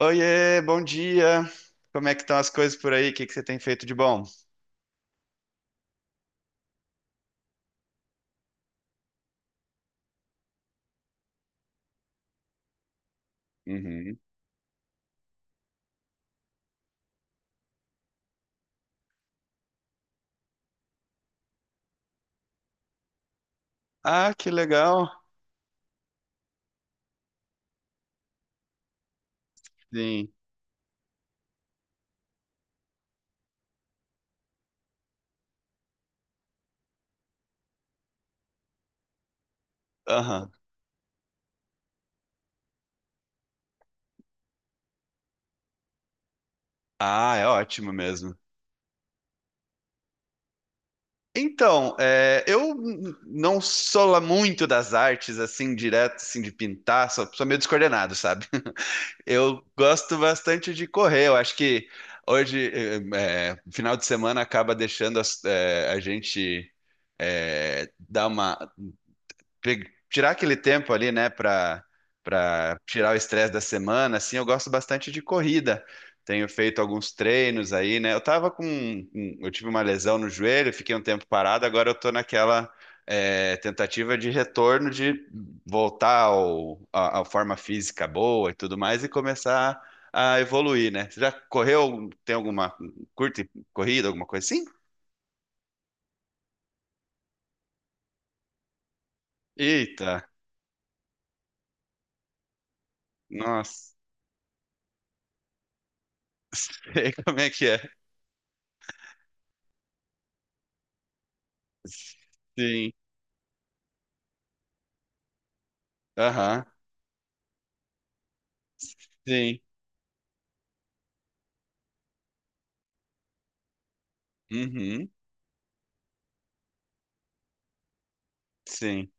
Oiê, bom dia. Como é que estão as coisas por aí? O que que você tem feito de bom? Uhum. Ah, que legal. Sim. Aham. Ah, é ótimo mesmo. Então, eu não sou lá muito das artes, assim, direto, assim, de pintar, sou meio descoordenado, sabe? Eu gosto bastante de correr, eu acho que hoje, final de semana, acaba deixando a gente eh, dar uma, tirar aquele tempo ali, né, para tirar o estresse da semana, assim, eu gosto bastante de corrida. Tenho feito alguns treinos aí, né? Eu tava com, um- um, eu tive uma lesão no joelho, fiquei um tempo parado, agora eu tô naquela tentativa de retorno de voltar à forma física boa e tudo mais e começar a evoluir, né? Você já correu, tem alguma curta corrida, alguma coisa assim? Eita, nossa, sei como é que é. Sim. Aham, sim. Uhum, sim.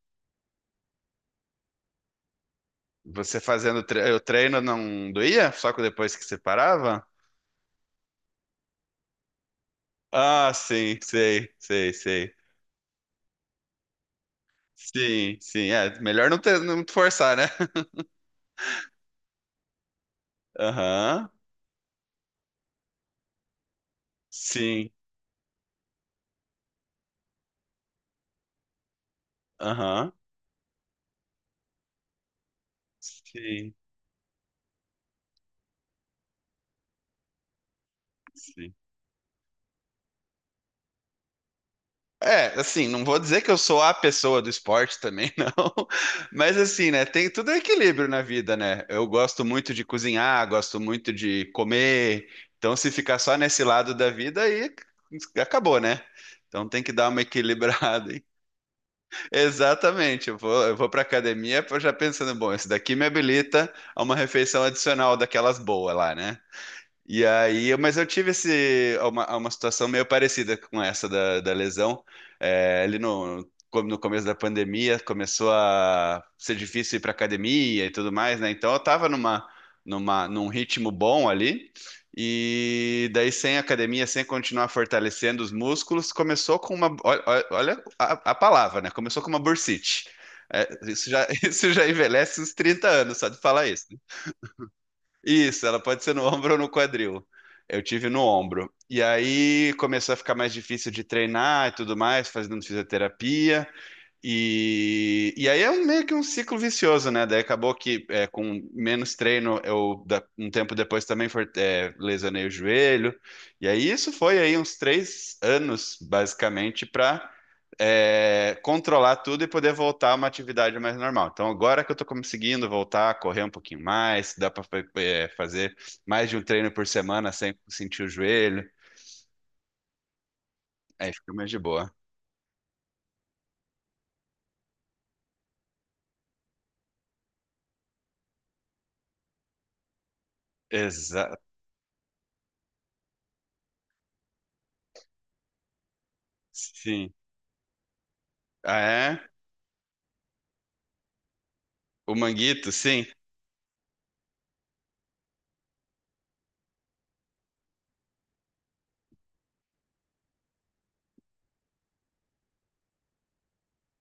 Você fazendo tre o treino não doía? Só que depois que você parava? Ah, sim, sei, sei, sei. Sim, sim. É, melhor não ter, não forçar, né? Aham, sim. Aham, sim, sim. É, assim, não vou dizer que eu sou a pessoa do esporte também, não. Mas assim, né, tem tudo é equilíbrio na vida, né? Eu gosto muito de cozinhar, gosto muito de comer. Então, se ficar só nesse lado da vida, aí acabou, né? Então tem que dar uma equilibrada, hein? Exatamente. Eu vou para academia já pensando, bom, esse daqui me habilita a uma refeição adicional daquelas boas lá, né? E aí, mas eu tive esse, uma situação meio parecida com essa da lesão. É, ali no, como no começo da pandemia, começou a ser difícil ir para academia e tudo mais, né? Então eu estava num ritmo bom ali. E daí, sem academia, sem continuar fortalecendo os músculos, começou com uma. Olha, a palavra, né? Começou com uma bursite. É, isso já, isso já envelhece uns 30 anos, só de falar isso. Isso, ela pode ser no ombro ou no quadril. Eu tive no ombro. E aí começou a ficar mais difícil de treinar e tudo mais, fazendo fisioterapia. E aí é meio que um ciclo vicioso, né? Daí acabou que é, com menos treino, um tempo depois também lesionei o joelho. E aí isso foi aí uns 3 anos, basicamente, para controlar tudo e poder voltar a uma atividade mais normal. Então agora que eu tô conseguindo voltar a correr um pouquinho mais, dá para fazer mais de um treino por semana sem sentir o joelho, aí fica mais de boa. Exato. Sim. Ah, é? O manguito, sim.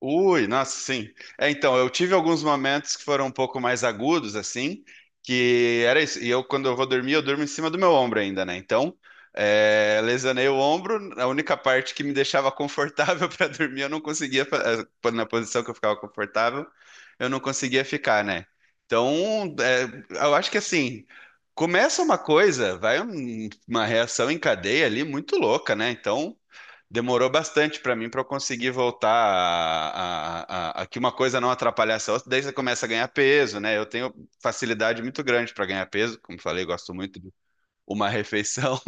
Ui, nossa, sim. É, então, eu tive alguns momentos que foram um pouco mais agudos, assim, que era isso. E eu, quando eu vou dormir, eu durmo em cima do meu ombro ainda, né? Então, é, lesionei o ombro, a única parte que me deixava confortável para dormir, eu não conseguia, na posição que eu ficava confortável, eu não conseguia ficar, né? Então, é, eu acho que assim, começa uma coisa, vai uma reação em cadeia ali muito louca, né? Então. Demorou bastante para mim para eu conseguir voltar a, a que uma coisa não atrapalhasse a outra. Daí você começa a ganhar peso, né? Eu tenho facilidade muito grande para ganhar peso, como falei, gosto muito de uma refeição.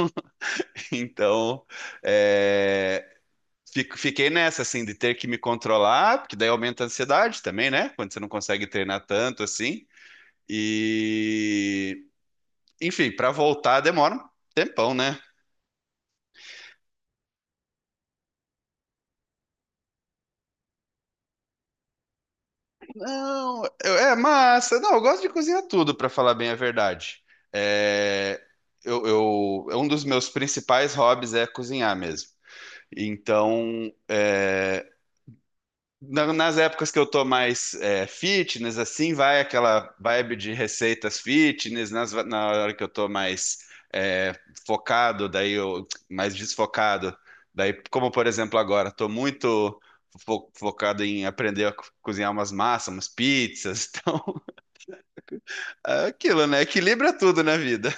Então, é, fiquei nessa, assim, de ter que me controlar, porque daí aumenta a ansiedade também, né? Quando você não consegue treinar tanto assim. E, enfim, para voltar demora um tempão, né? Não, é massa. Não, eu gosto de cozinhar tudo, pra falar bem a verdade. É, um dos meus principais hobbies é cozinhar mesmo. Então, é, nas épocas que eu tô mais fitness, assim, vai aquela vibe de receitas fitness. Na hora que eu tô mais é, focado, daí eu mais desfocado. Daí, como por exemplo agora, tô muito focado em aprender a cozinhar umas massas, umas pizzas. Então, é aquilo, né? Equilibra tudo na vida.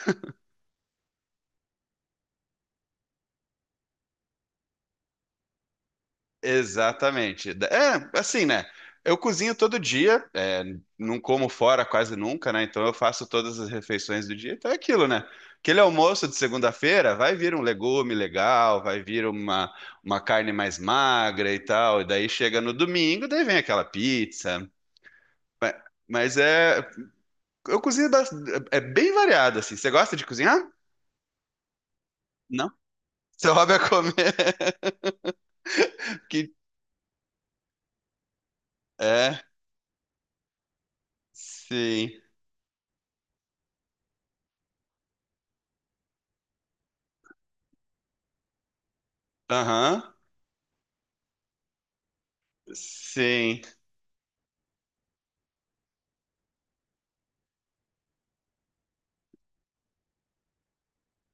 Exatamente. É, assim, né? Eu cozinho todo dia, é, não como fora quase nunca, né? Então eu faço todas as refeições do dia. Então é aquilo, né? Aquele almoço de segunda-feira vai vir um legume legal, vai vir uma carne mais magra e tal. E daí chega no domingo, daí vem aquela pizza. Mas, mas é. Eu cozinho, é bem variado, assim. Você gosta de cozinhar? Não. Seu hobby é comer. Que- É, sim. Aham. Sim.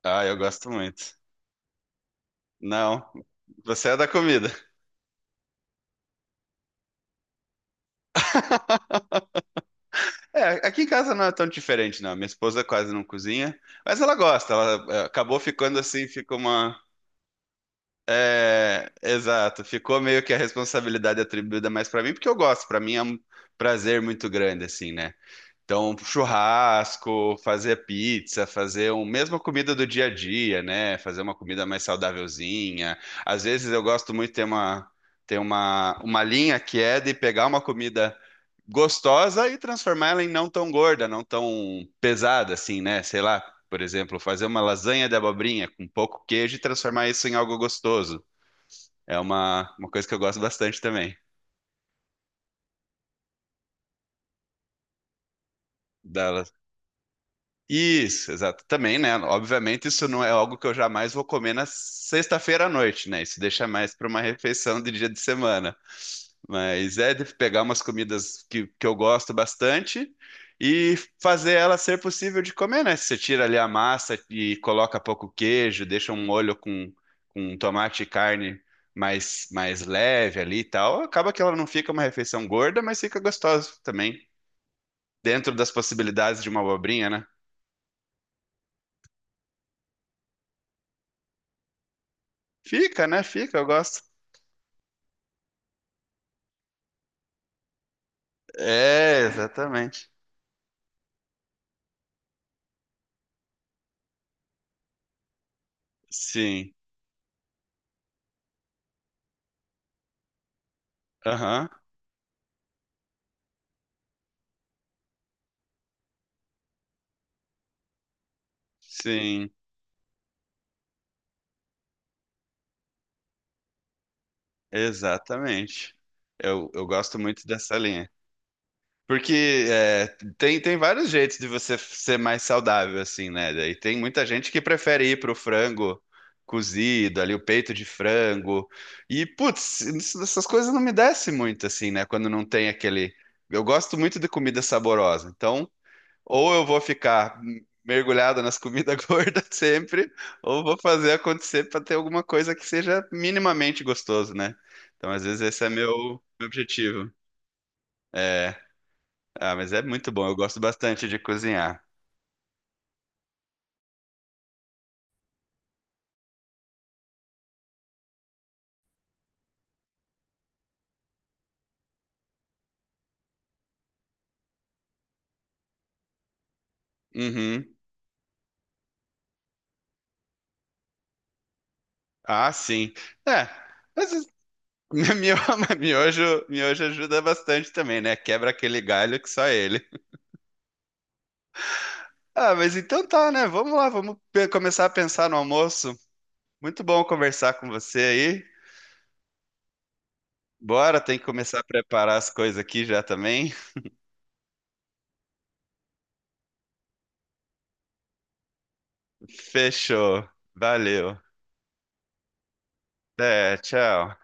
Ah, eu gosto muito. Não, você é da comida. É, aqui em casa não é tão diferente, não. Minha esposa quase não cozinha, mas ela gosta. Ela acabou ficando assim, ficou uma. É, exato. Ficou meio que a responsabilidade atribuída mais pra mim, porque eu gosto. Pra mim é um prazer muito grande, assim, né? Então, um churrasco, fazer pizza, fazer um, mesmo a comida do dia a dia, né? Fazer uma comida mais saudávelzinha. Às vezes eu gosto muito de ter uma linha que é de pegar uma comida gostosa e transformar ela em não tão gorda, não tão pesada assim, né? Sei lá, por exemplo, fazer uma lasanha de abobrinha com pouco queijo e transformar isso em algo gostoso. É uma coisa que eu gosto bastante também. Da Isso, exato. Também, né? Obviamente, isso não é algo que eu jamais vou comer na sexta-feira à noite, né? Isso deixa mais para uma refeição de dia de semana. Mas é de pegar umas comidas que eu gosto bastante e fazer ela ser possível de comer, né? Você tira ali a massa e coloca pouco queijo, deixa um molho com tomate e carne mais, mais leve ali e tal. Acaba que ela não fica uma refeição gorda, mas fica gostosa também, dentro das possibilidades de uma abobrinha, né? Fica, né? Fica, eu gosto. É, exatamente. Sim. Aham. Sim, exatamente. Eu gosto muito dessa linha. Porque é, tem vários jeitos de você ser mais saudável, assim, né? E tem muita gente que prefere ir pro frango cozido, ali o peito de frango. E, putz, essas coisas não me descem muito, assim, né? Quando não tem aquele. Eu gosto muito de comida saborosa. Então, ou eu vou ficar mergulhado nas comidas gordas sempre, ou vou fazer acontecer para ter alguma coisa que seja minimamente gostoso, né? Então, às vezes, esse é meu objetivo. É, ah, mas é muito bom, eu gosto bastante de cozinhar. Uhum. Ah, sim. É, mas mio- miojo ajuda bastante também, né? Quebra aquele galho que só ele. Ah, mas então tá, né? Vamos lá, vamos começar a pensar no almoço. Muito bom conversar com você aí. Bora, tem que começar a preparar as coisas aqui já também. Fechou. Valeu. É, tchau.